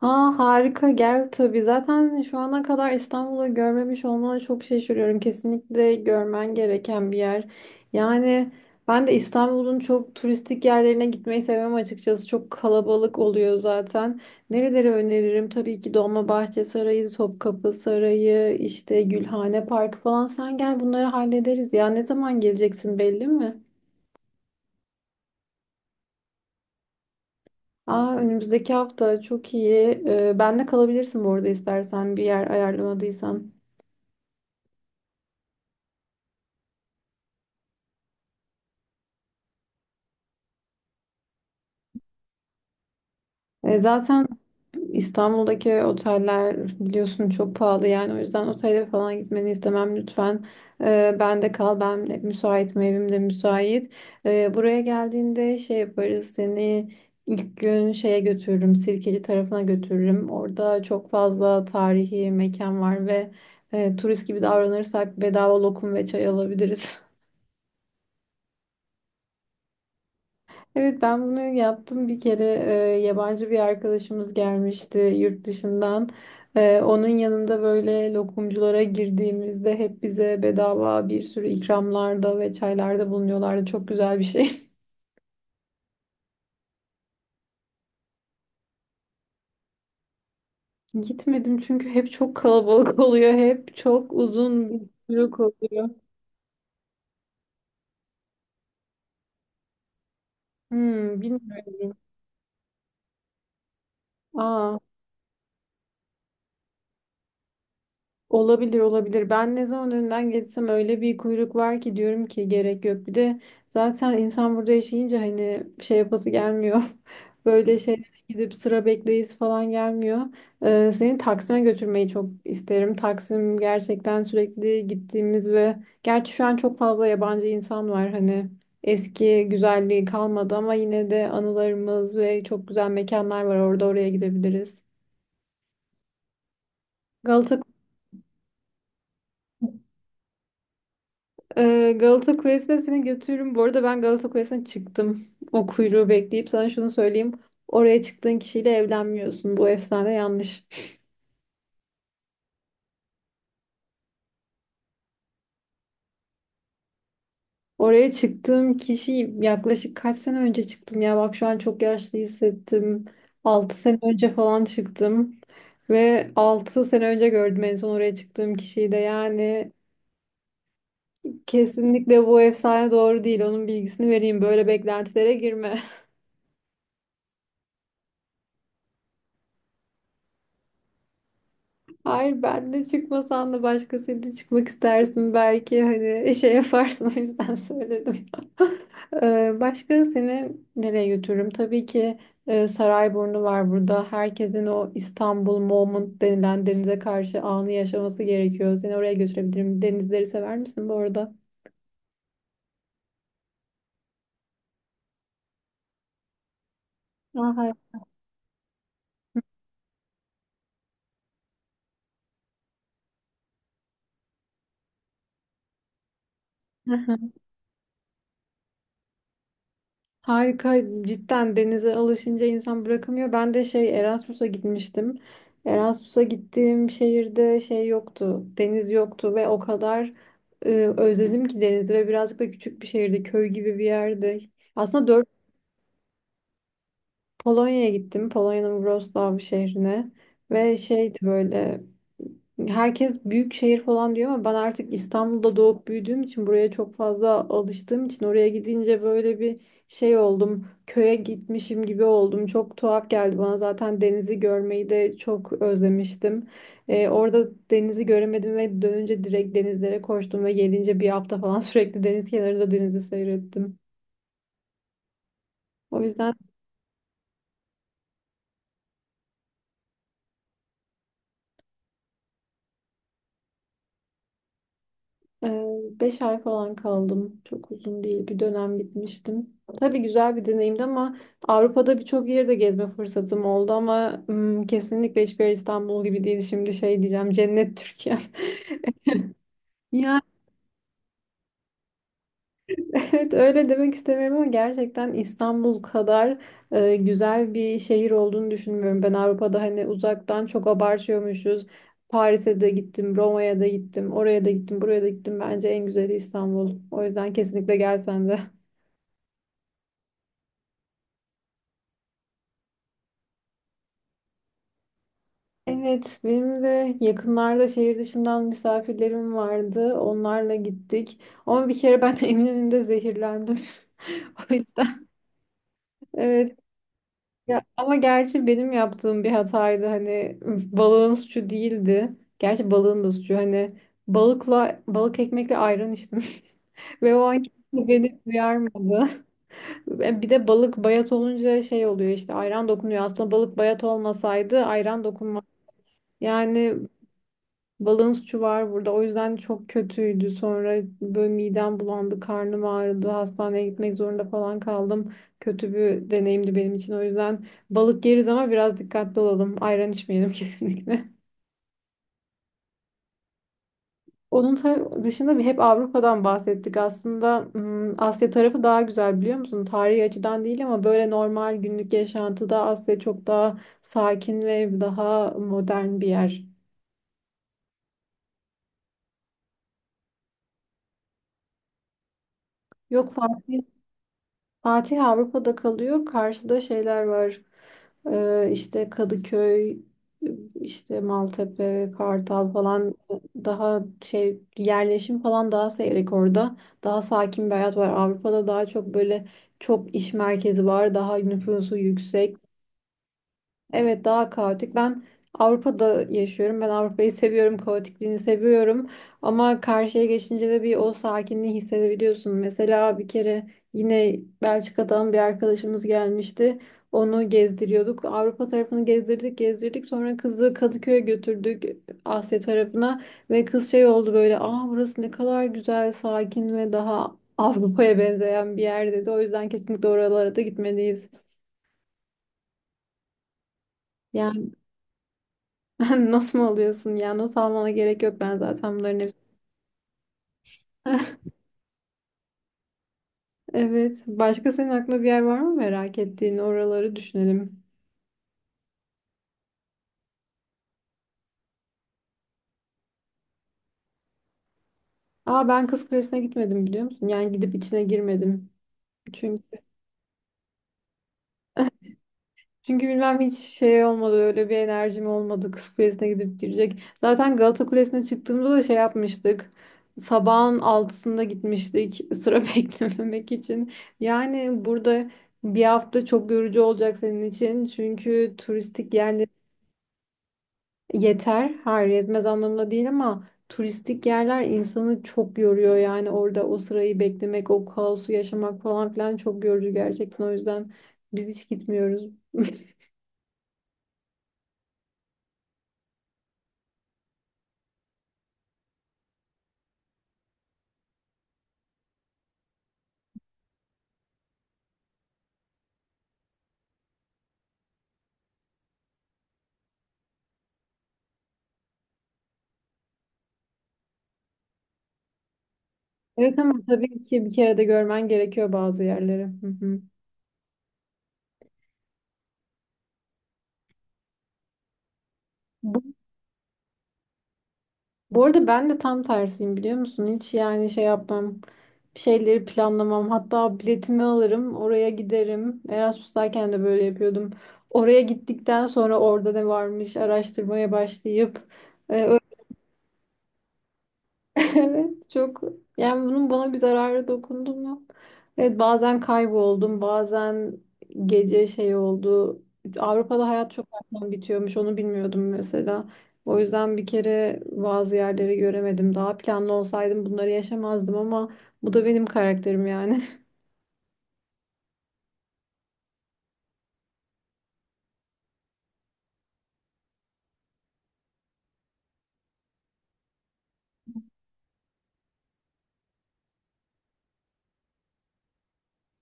Aa harika gel tabii. Zaten şu ana kadar İstanbul'u görmemiş olmana çok şaşırıyorum. Kesinlikle görmen gereken bir yer. Yani ben de İstanbul'un çok turistik yerlerine gitmeyi sevmem açıkçası. Çok kalabalık oluyor zaten. Nereleri öneririm? Tabii ki Dolmabahçe Sarayı, Topkapı Sarayı, işte Gülhane Parkı falan. Sen gel bunları hallederiz. Ya ne zaman geleceksin belli mi? Aa, önümüzdeki hafta çok iyi. Ben de kalabilirsin bu arada istersen bir yer ayarlamadıysan. Zaten İstanbul'daki oteller biliyorsun çok pahalı yani o yüzden otele falan gitmeni istemem lütfen. Ben de kal ben de müsaitim evim de müsait. Buraya geldiğinde şey yaparız seni ilk gün şeye götürürüm Sirkeci tarafına götürürüm. Orada çok fazla tarihi mekan var ve turist gibi davranırsak bedava lokum ve çay alabiliriz. Evet ben bunu yaptım bir kere yabancı bir arkadaşımız gelmişti yurt dışından. Onun yanında böyle lokumculara girdiğimizde hep bize bedava bir sürü ikramlarda ve çaylarda bulunuyorlardı. Çok güzel bir şey. Gitmedim çünkü hep çok kalabalık oluyor. Hep çok uzun bir kuyruk oluyor. Hmm, bilmiyorum. Aa. Olabilir olabilir. Ben ne zaman önden geçsem öyle bir kuyruk var ki diyorum ki gerek yok. Bir de zaten insan burada yaşayınca hani şey yapası gelmiyor. Böyle şeylere gidip sıra bekleyiz falan gelmiyor. Seni Taksim'e götürmeyi çok isterim. Taksim gerçekten sürekli gittiğimiz ve gerçi şu an çok fazla yabancı insan var. Hani eski güzelliği kalmadı ama yine de anılarımız ve çok güzel mekanlar var orada oraya gidebiliriz. Galata Galata Kulesi'ne seni götürürüm. Bu arada ben Galata Kulesi'ne çıktım. O kuyruğu bekleyip sana şunu söyleyeyim. Oraya çıktığın kişiyle evlenmiyorsun. Bu efsane yanlış. Oraya çıktığım kişi yaklaşık kaç sene önce çıktım ya. Bak şu an çok yaşlı hissettim. 6 sene önce falan çıktım. Ve 6 sene önce gördüm en son oraya çıktığım kişiyi de. Yani kesinlikle bu efsane doğru değil. Onun bilgisini vereyim. Böyle beklentilere girme. Hayır ben de çıkmasan da başkasıyla çıkmak istersin belki hani şey yaparsın o yüzden söyledim. Başka seni nereye götürürüm? Tabii ki Sarayburnu var burada. Herkesin o İstanbul moment denilen denize karşı anı yaşaması gerekiyor. Seni oraya götürebilirim. Denizleri sever misin bu arada? Aha. Harika cidden denize alışınca insan bırakamıyor. Ben de şey Erasmus'a gitmiştim. Erasmus'a gittiğim şehirde şey yoktu. Deniz yoktu ve o kadar e, özledim ki denizi ve birazcık da küçük bir şehirdi. Köy gibi bir yerde. Aslında Polonya'ya gittim. Polonya'nın Wrocław şehrine ve şeydi böyle herkes büyük şehir falan diyor ama ben artık İstanbul'da doğup büyüdüğüm için buraya çok fazla alıştığım için oraya gidince böyle bir şey oldum. Köye gitmişim gibi oldum. Çok tuhaf geldi bana. Zaten denizi görmeyi de çok özlemiştim. Orada denizi göremedim ve dönünce direkt denizlere koştum ve gelince bir hafta falan sürekli deniz kenarında denizi seyrettim. O yüzden Ee, beş ay falan kaldım. Çok uzun değil. Bir dönem gitmiştim. Tabii güzel bir deneyimdi ama Avrupa'da birçok yerde gezme fırsatım oldu ama kesinlikle hiçbir yer İstanbul gibi değil. Şimdi şey diyeceğim, cennet Türkiye. Yani evet öyle demek istemiyorum ama gerçekten İstanbul kadar güzel bir şehir olduğunu düşünmüyorum. Ben Avrupa'da hani uzaktan çok abartıyormuşuz. Paris'e de gittim, Roma'ya da gittim, oraya da gittim, buraya da gittim. Bence en güzeli İstanbul. O yüzden kesinlikle gelsen de. Evet, benim de yakınlarda şehir dışından misafirlerim vardı. Onlarla gittik. Ama bir kere ben Eminönü'nde zehirlendim. O yüzden evet. Ya, ama gerçi benim yaptığım bir hataydı. Hani balığın suçu değildi. Gerçi balığın da suçu. Hani balıkla balık ekmekle ayran içtim. Ve o an kimse beni duyarmadı. Ve bir de balık bayat olunca şey oluyor işte ayran dokunuyor. Aslında balık bayat olmasaydı ayran dokunmaz. Yani balığın suçu var burada. O yüzden çok kötüydü. Sonra böyle midem bulandı, karnım ağrıdı. Hastaneye gitmek zorunda falan kaldım. Kötü bir deneyimdi benim için. O yüzden balık yeriz ama biraz dikkatli olalım. Ayran içmeyelim kesinlikle. Onun dışında bir hep Avrupa'dan bahsettik. Aslında Asya tarafı daha güzel biliyor musun? Tarihi açıdan değil ama böyle normal günlük yaşantıda Asya çok daha sakin ve daha modern bir yer. Yok farklı Fatih Avrupa'da kalıyor. Karşıda şeyler var. İşte Kadıköy, işte Maltepe, Kartal falan daha şey yerleşim falan daha seyrek orada. Daha sakin bir hayat var. Avrupa'da daha çok böyle çok iş merkezi var. Daha nüfusu yüksek. Evet daha kaotik. Ben Avrupa'da yaşıyorum. Ben Avrupa'yı seviyorum. Kaotikliğini seviyorum. Ama karşıya geçince de bir o sakinliği hissedebiliyorsun. Mesela bir kere yine Belçika'dan bir arkadaşımız gelmişti. Onu gezdiriyorduk. Avrupa tarafını gezdirdik, gezdirdik. Sonra kızı Kadıköy'e götürdük Asya tarafına ve kız şey oldu böyle, "Aa burası ne kadar güzel, sakin ve daha Avrupa'ya benzeyen bir yer." dedi. O yüzden kesinlikle oralara da gitmeliyiz. Not mu alıyorsun ya? Not almana gerek yok. Ben zaten bunların hepsini... Evet. Başka senin aklında bir yer var mı merak ettiğin? Oraları düşünelim. Aa ben Kız Kulesi'ne gitmedim biliyor musun? Yani gidip içine girmedim. Çünkü çünkü bilmem hiç şey olmadı. Öyle bir enerjim olmadı Kız Kulesi'ne gidip girecek. Zaten Galata Kulesi'ne çıktığımda da şey yapmıştık. Sabahın altısında gitmiştik sıra beklememek için. Yani burada bir hafta çok yorucu olacak senin için. Çünkü turistik yerler Yeter, hayır yetmez anlamında değil ama turistik yerler insanı çok yoruyor yani orada o sırayı beklemek, o kaosu yaşamak falan filan çok yorucu gerçekten o yüzden biz hiç gitmiyoruz. Evet ama tabii ki bir kere de görmen gerekiyor bazı yerleri. Hı hı. Bu arada ben de tam tersiyim biliyor musun? Hiç yani şey yapmam. Bir şeyleri planlamam. Hatta biletimi alırım. Oraya giderim. Erasmus'tayken de böyle yapıyordum. Oraya gittikten sonra orada ne varmış araştırmaya başlayıp e, Evet çok yani bunun bana bir zararı dokundu mu? Evet bazen kayboldum bazen gece şey oldu. Avrupa'da hayat çok erken bitiyormuş onu bilmiyordum mesela. O yüzden bir kere bazı yerleri göremedim. Daha planlı olsaydım bunları yaşamazdım ama bu da benim karakterim yani.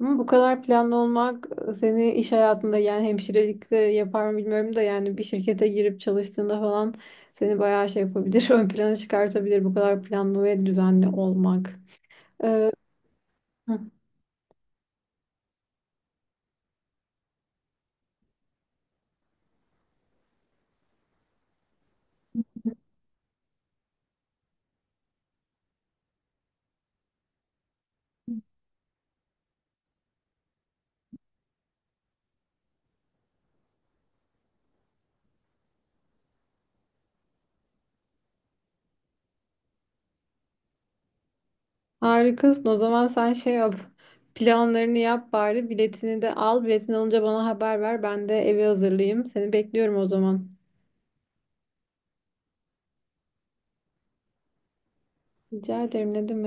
Ama bu kadar planlı olmak seni iş hayatında yani hemşirelikte yapar mı bilmiyorum da yani bir şirkete girip çalıştığında falan seni bayağı şey yapabilir, ön plana çıkartabilir bu kadar planlı ve düzenli olmak. Ee, hı, harikasın. O zaman sen şey yap. Planlarını yap bari. Biletini de al. Biletini alınca bana haber ver. Ben de evi hazırlayayım. Seni bekliyorum o zaman. Rica ederim. Ne demek?